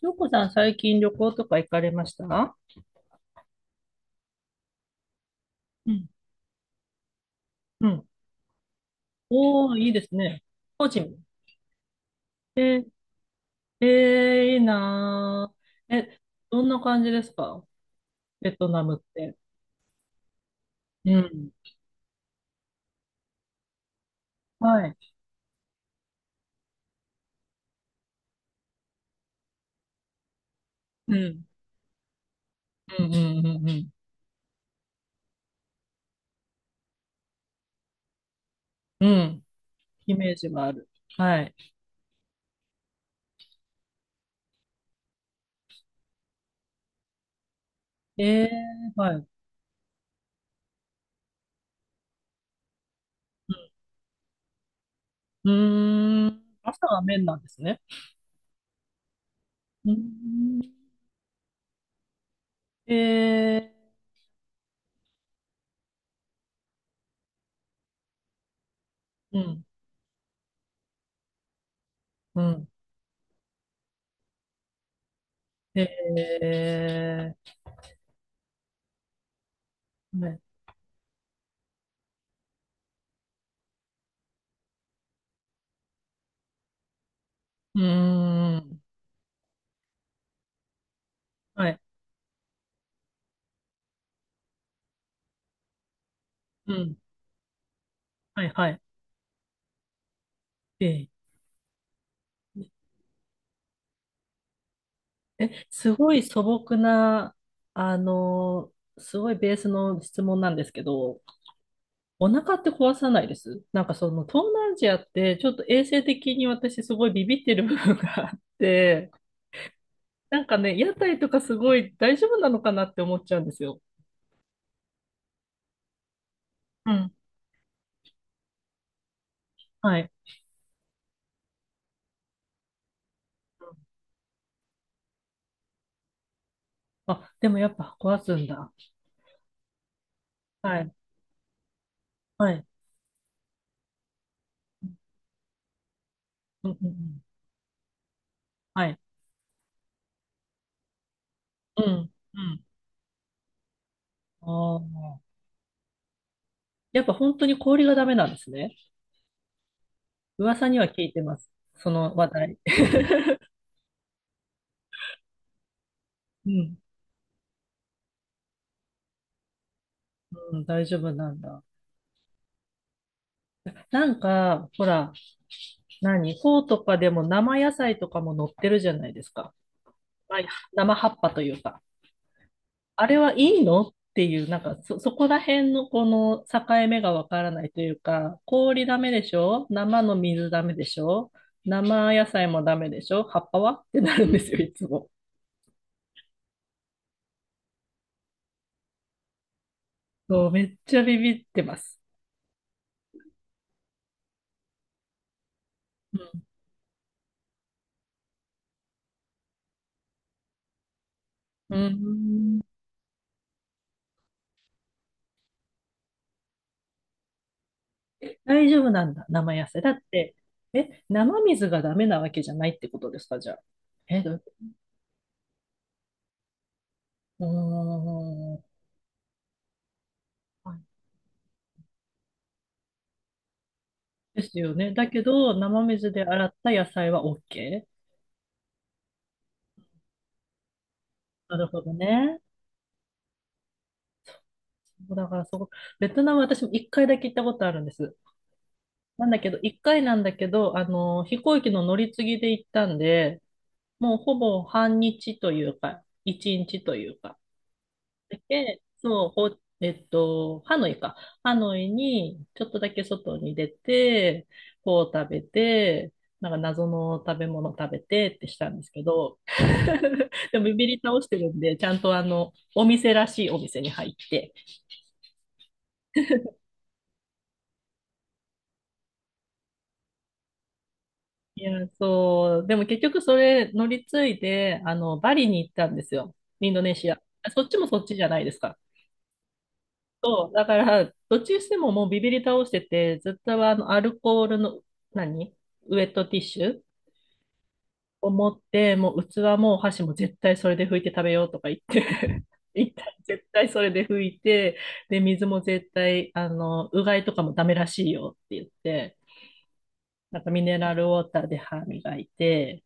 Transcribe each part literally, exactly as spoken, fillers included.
翔子さん、最近旅行とか行かれました？うん。うん。おー、いいですね。個人。えー、えー、いいなー。え、どんな感じですか、ベトナムって？うん。はい。うん。うん、うん、うん、うん。うん。イメージはある。はい。えー、はい。うん。うーん。朝は麺なんですね。うーん。えー、うん。うん。えー、はい。うーん。はい。うん。はいはい。ええ。え、すごい素朴な、あの、すごいベースの質問なんですけど、お腹って壊さないです？なんかその東南アジアってちょっと衛生的に私すごいビビってる部分があって、なんかね、屋台とかすごい大丈夫なのかなって思っちゃうんですよ。うん。はい。あ、でもやっぱ壊すんだ。はい。はい。うんうんうん。はい。うん。うん。ああ。やっぱ本当に氷がダメなんですね。噂には聞いてます。その話題。うん、うん、大丈夫なんだ。なんか、ほら、何、フォーとかでも生野菜とかも載ってるじゃないですか。まあ生葉っぱというか。あれはいいのっていう、なんかそ、そこら辺のこの境目がわからないというか、氷ダメでしょ、生の水ダメでしょ、生野菜もダメでしょ、葉っぱはってなるんですよ、いつも。そう、めっちゃビビってます。うん。うん、大丈夫なんだ、生野菜。だって、え、生水がダメなわけじゃないってことですか、じゃあ。え、どういうこと？うーん。はい。ですよね。だけど、生水で洗った野菜は オーケー なるほどね。そうだからそこ、ベトナム私も一回だけ行ったことあるんです。なんだけど、一回なんだけど、あの、飛行機の乗り継ぎで行ったんで、もうほぼ半日というか、一日というか、だけ、そう、ほ、えっと、ハノイか？ハノイに、ちょっとだけ外に出て、こう食べて、なんか謎の食べ物食べてってしたんですけど、でもビビり倒してるんで、ちゃんとあの、お店らしいお店に入って。いや、そう、でも結局それ乗り継いで、あの、バリに行ったんですよ。インドネシア。あ、そっちもそっちじゃないですか。そう、だから、どっちにしてももうビビり倒してて、ずっとあの、アルコールの、何ウェットティッシュを持って、もう器もお箸も絶対それで拭いて食べようとか言って、一旦絶対それで拭いて、で、水も絶対、あの、うがいとかもダメらしいよって言って、なんかミネラルウォーターで歯磨いて、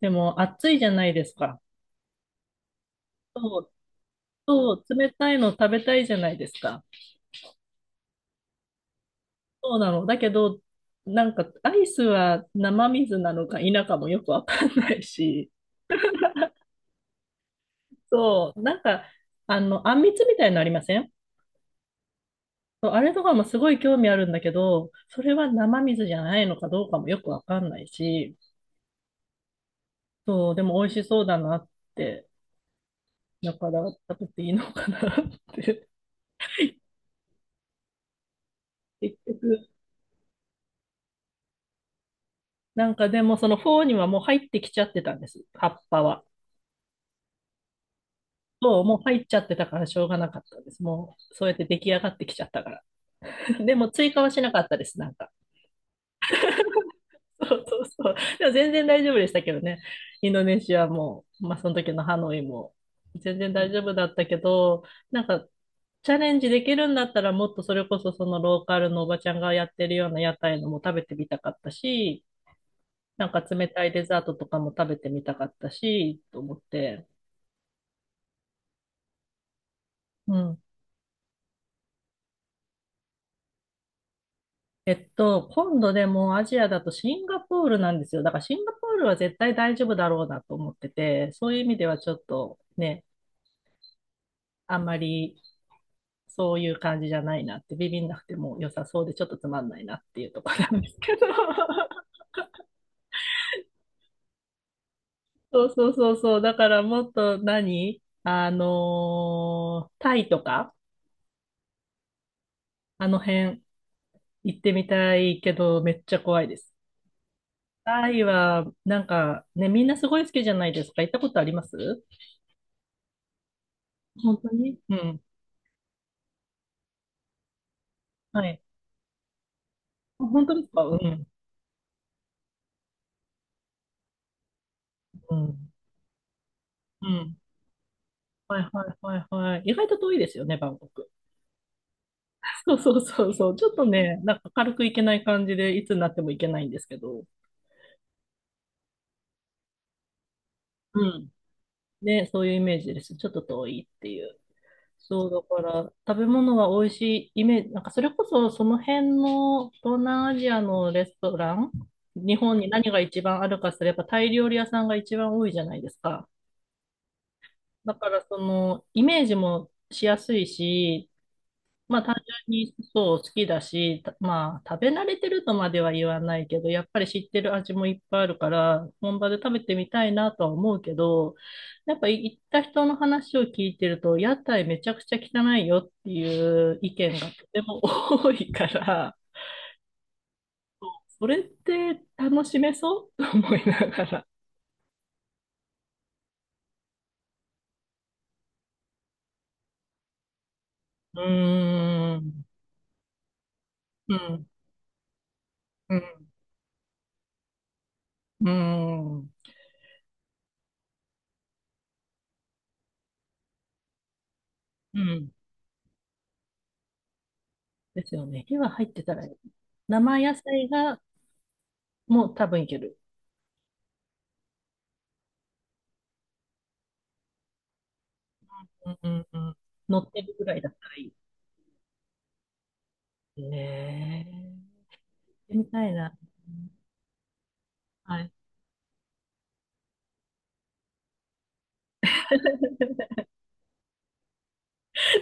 でも暑いじゃないですか。そう、そう、冷たいの食べたいじゃないですか。そうなの。だけど、なんかアイスは生水なのか否かもよくわかんないし、そう、なんか、あの、あんみつみたいなのありません？そう、あれとかもすごい興味あるんだけど、それは生水じゃないのかどうかもよくわかんないし、そう、でも美味しそうだなって、だから食べていいのかなって。結局、なんかでもそのフォーにはもう入ってきちゃってたんです、葉っぱは。そう、もう入っちゃってたからしょうがなかったです。もう、そうやって出来上がってきちゃったから。でも追加はしなかったです、なんか。そうそうそう。でも全然大丈夫でしたけどね。インドネシアも、まあその時のハノイも、全然大丈夫だったけど、なんかチャレンジできるんだったらもっとそれこそそのローカルのおばちゃんがやってるような屋台のも食べてみたかったし、なんか冷たいデザートとかも食べてみたかったし、と思って。うん。えっと、今度でもアジアだとシンガポールなんですよ。だからシンガポールは絶対大丈夫だろうなと思ってて、そういう意味ではちょっとね、あんまりそういう感じじゃないなって、ビビんなくても良さそうでちょっとつまんないなっていうところなんですけど。そうそうそうそう。だからもっと何あのータイとか、あの辺行ってみたいけど、めっちゃ怖いです。タイは、なんかね、みんなすごい好きじゃないですか。行ったことあります？本当に。うん。はい。あ、本当ですか？うん。うん。うん。はいはいはいはい。意外と遠いですよね、バンコク。そうそうそうそう。ちょっとね、なんか軽くいけない感じで、いつになってもいけないんですけど。うん。ね、そういうイメージです。ちょっと遠いっていう。そう、だから、食べ物は美味しいイメージ、なんかそれこそその辺の東南アジアのレストラン、日本に何が一番あるかすれば、タイ料理屋さんが一番多いじゃないですか。だから、その、イメージもしやすいし、まあ単純にそう好きだし、たまあ食べ慣れてるとまでは言わないけど、やっぱり知ってる味もいっぱいあるから、本場で食べてみたいなとは思うけど、やっぱ行った人の話を聞いてると、屋台めちゃくちゃ汚いよっていう意見がとても多いから、それって楽しめそうと思いながら。うーん、うん、うん、うん、うん。ですよね。火は入ってたらいい。生野菜がもう多分いける。うんうんうん。乗ってるぐらいだったらいい。ねえ、みたいな。はい。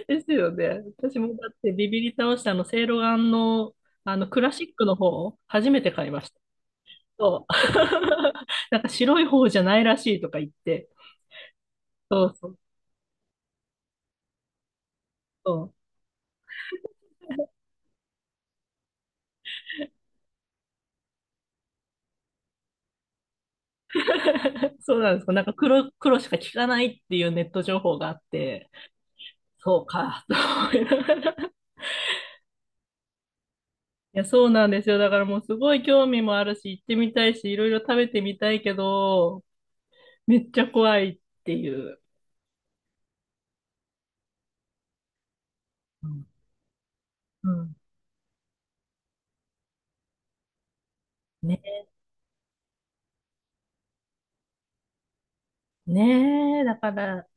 ですよね。私もだってビビり倒したあの、セイロガンの、あの、クラシックの方を初めて買いました。そう。なんか白い方じゃないらしいとか言って。そうそうそう。そうなんですか。なんか黒、黒しか聞かないっていうネット情報があって、そうか、と思いながら。いや、そうなんですよ。だからもうすごい興味もあるし、行ってみたいし、いろいろ食べてみたいけど、めっちゃ怖いっていう。うんうん。ね、ねえ、だから、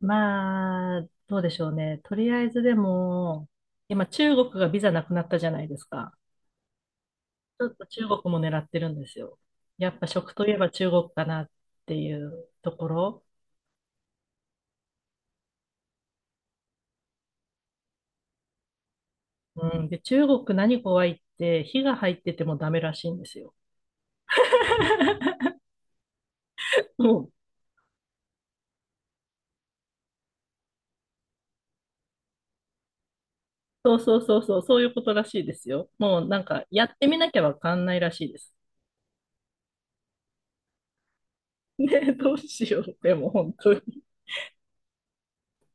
まあ、どうでしょうね。とりあえずでも、今中国がビザなくなったじゃないですか。ちょっと中国も狙ってるんですよ。やっぱ食といえば中国かなっていうところ。うん、で、中国何怖いって、火が入っててもダメらしいんですよ。もう、そうそうそうそう、そういうことらしいですよ。もうなんか、やってみなきゃわかんないらしいです。ねえ、どうしよう。でも本当に。